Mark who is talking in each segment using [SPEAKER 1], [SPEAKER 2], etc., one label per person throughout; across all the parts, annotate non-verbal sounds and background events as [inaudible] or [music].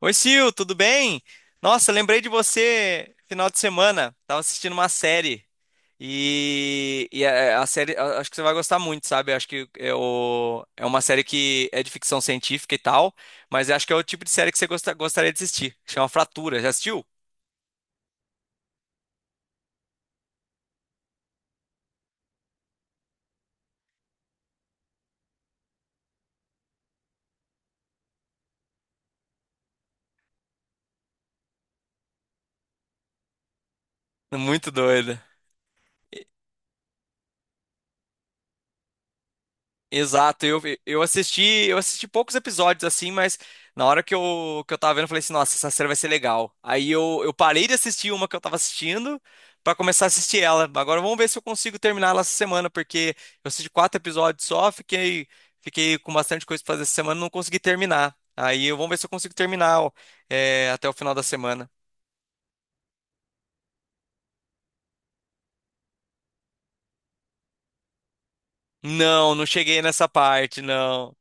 [SPEAKER 1] Oi, Sil, tudo bem? Nossa, lembrei de você final de semana. Tava assistindo uma série. E a série, acho que você vai gostar muito, sabe? Acho que é uma série que é de ficção científica e tal, mas acho que é o tipo de série que você gostaria de assistir. Chama Fratura, já assistiu? Muito doida. Exato, eu assisti poucos episódios assim, mas na hora que eu tava vendo, eu falei assim, nossa, essa série vai ser legal. Aí eu parei de assistir uma que eu tava assistindo pra começar a assistir ela. Agora vamos ver se eu consigo terminar ela essa semana, porque eu assisti quatro episódios só, fiquei com bastante coisa pra fazer essa semana, e não consegui terminar. Vamos ver se eu consigo terminar, ó, até o final da semana. Não, não cheguei nessa parte, não.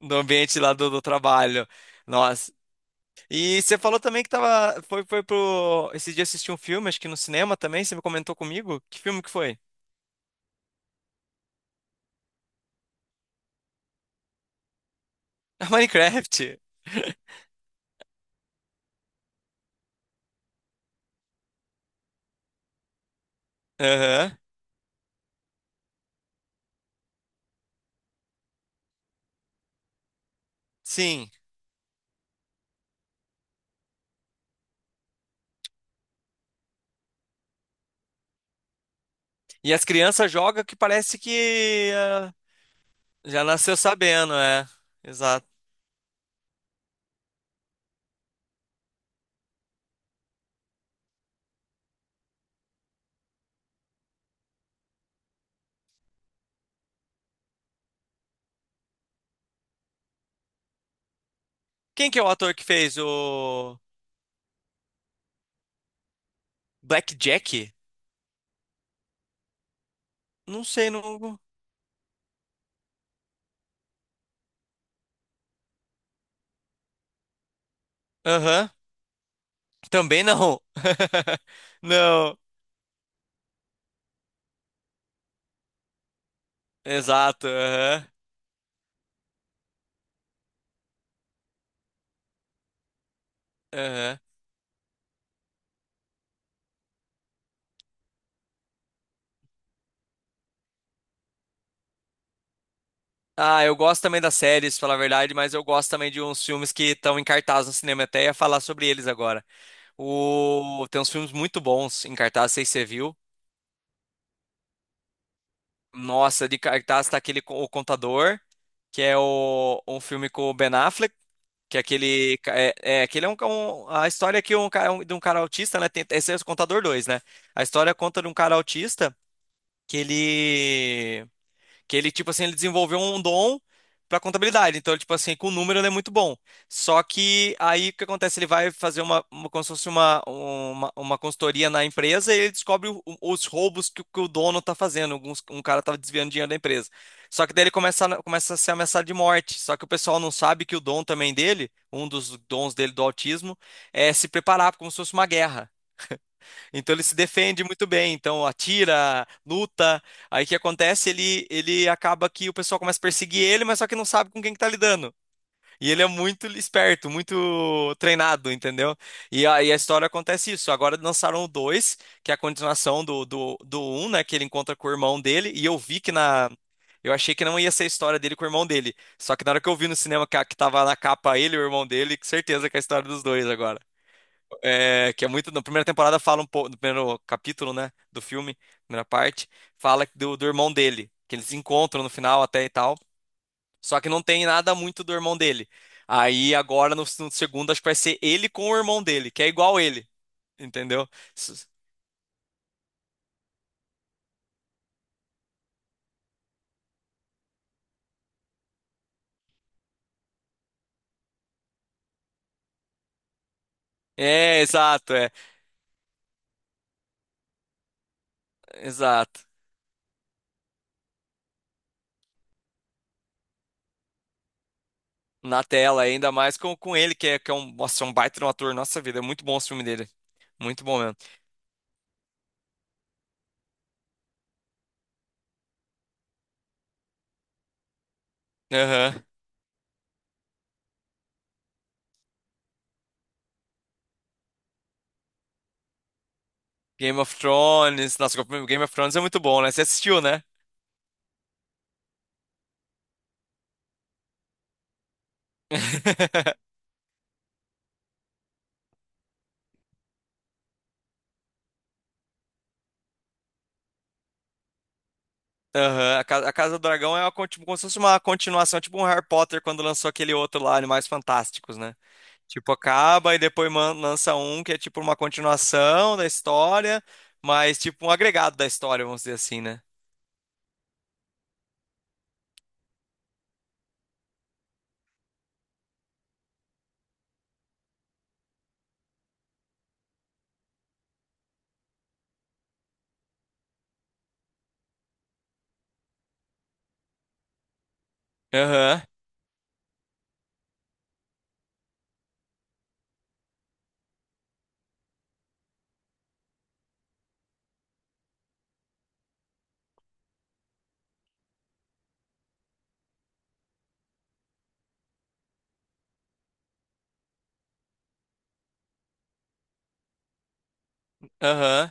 [SPEAKER 1] No ambiente lá do trabalho. Nossa. E você falou também que tava, foi, foi pro, esse dia assistir um filme, acho que no cinema também, você me comentou comigo. Que filme que foi? [laughs] Minecraft. Aham. Sim. E as crianças jogam que parece que já nasceu sabendo, é. Exato. Quem que é o ator que fez o Blackjack? Não sei, não. Aham. Também não. [laughs] Não. Exato. Aham. Aham. Ah, eu gosto também das séries, falar a verdade, mas eu gosto também de uns filmes que estão em cartaz no cinema. Até ia falar sobre eles agora. Tem uns filmes muito bons em cartaz, não sei se você viu. Nossa, de cartaz tá O Contador, que é um filme com o Ben Affleck, que é aquele. Ca- aquele é a história que um, cara- um- de um cara autista, né? Esse é o Contador 2, né? A história conta de um cara autista que ele. Tipo assim, ele desenvolveu um dom pra contabilidade. Então, ele, tipo assim, com o número ele é muito bom. Só que aí o que acontece? Ele vai fazer uma como se fosse uma consultoria na empresa e ele descobre os roubos o que o dono tá fazendo. Um cara tava desviando dinheiro da empresa. Só que daí ele começa a ser ameaçado de morte. Só que o pessoal não sabe que o dom também dele, um dos dons dele do autismo, é se preparar como se fosse uma guerra. Então ele se defende muito bem, então atira, luta. Aí o que acontece? Ele acaba que o pessoal começa a perseguir ele, mas só que não sabe com quem que tá lidando. E ele é muito esperto, muito treinado, entendeu? E aí a história acontece isso. Agora lançaram o 2, que é a continuação do 1, né? Que ele encontra com o irmão dele. E eu vi que na. Eu achei que não ia ser a história dele com o irmão dele. Só que na hora que eu vi no cinema que tava na capa ele e o irmão dele, com certeza que é a história dos dois agora. É, que é muito. Na primeira temporada fala um pouco, no primeiro capítulo, né, do filme, primeira parte, fala do irmão dele, que eles se encontram no final até e tal. Só que não tem nada muito do irmão dele. Aí agora no segundo acho que vai ser ele com o irmão dele, que é igual ele, entendeu? S- É, exato, é, exato. Na tela, ainda mais com ele, nossa, é um baita de um ator. Nossa vida, é muito bom o filme dele. Muito bom mesmo. Aham. Game of Thrones, nossa, Game of Thrones é muito bom, né? Você assistiu, né? [laughs] Aham. A Casa do Dragão é uma, tipo, como se fosse uma continuação, tipo um Harry Potter quando lançou aquele outro lá, Animais Fantásticos, né? Tipo, acaba e depois lança um que é tipo uma continuação da história, mas tipo um agregado da história, vamos dizer assim, né? Aham, aham.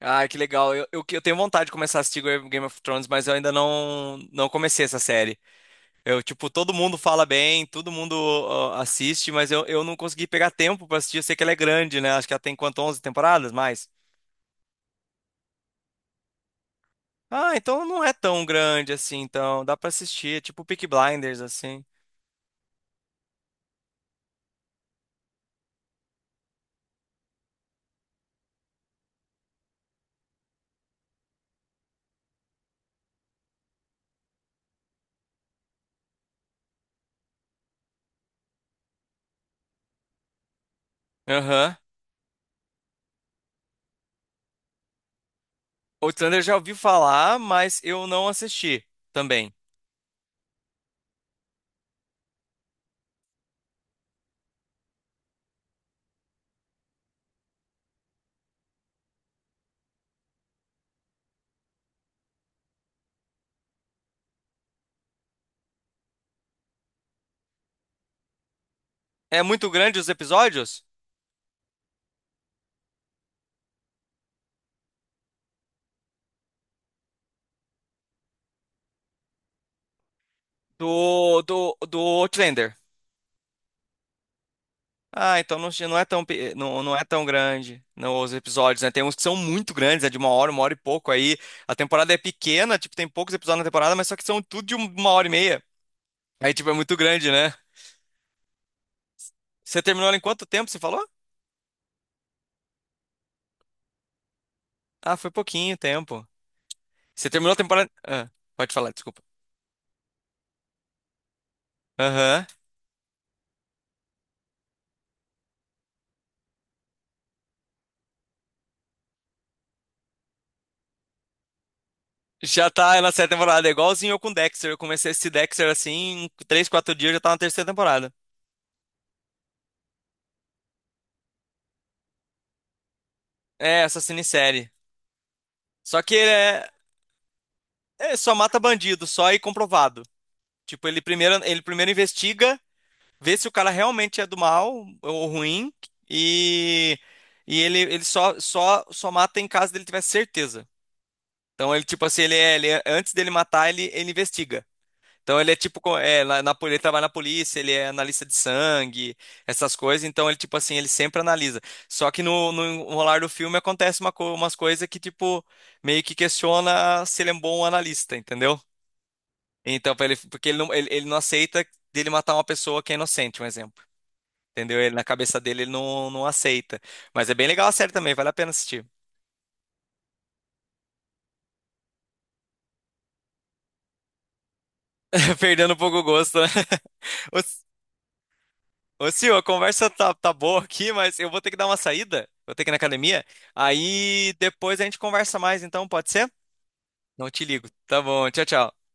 [SPEAKER 1] Ah, que legal. Eu tenho vontade de começar a assistir Game of Thrones, mas eu ainda não comecei essa série. Eu, tipo, todo mundo fala bem, todo mundo ó, assiste, mas eu não consegui pegar tempo pra assistir. Eu sei que ela é grande, né? Acho que ela tem quanto, 11 temporadas, mais? Ah, então não é tão grande assim, então dá pra assistir. É tipo Peaky Blinders, assim. Aham. Outlander eu já ouvi falar, mas eu não assisti também. É muito grande os episódios do Outlander. Ah, não é tão, pe- não, não é tão grande não, os episódios, né? Tem uns que são muito grandes, é de uma hora e pouco aí. A temporada é pequena, tipo, tem poucos episódios na temporada, mas só que são tudo de uma hora e meia. Aí, tipo, é muito grande, né? Você terminou ela em quanto tempo, você falou? Ah, foi pouquinho tempo. Você terminou a temporada. Ah, pode falar, desculpa. Aham. Já tá na sétima temporada, é igualzinho eu com Dexter. Eu comecei esse Dexter, assim, em 3, 4 dias, eu já tava na terceira temporada. É, essa minissérie. Só que ele é... é só mata bandido, só e comprovado. Tipo, ele primeiro investiga, vê se o cara realmente é do mal ou ruim, e, e ele só mata em caso dele tiver certeza. Então ele, tipo assim, antes dele matar, ele investiga. Então ele é tipo, ele trabalha na polícia, ele é analista de sangue, essas coisas. Então ele, tipo assim, ele sempre analisa. Só que no enrolar do filme acontece umas coisas que, tipo, meio que questiona se ele é um bom analista, entendeu? Então, pra ele, porque ele não aceita dele matar uma pessoa que é inocente, um exemplo. Entendeu? Ele, na cabeça dele, ele não aceita. Mas é bem legal a série também, vale a pena assistir. [laughs] Perdendo um pouco o gosto, né? [laughs] Sil, a conversa tá boa aqui, mas eu vou ter que dar uma saída. Vou ter que ir na academia. Aí depois a gente conversa mais, então, pode ser? Não te ligo. Tá bom, tchau, tchau.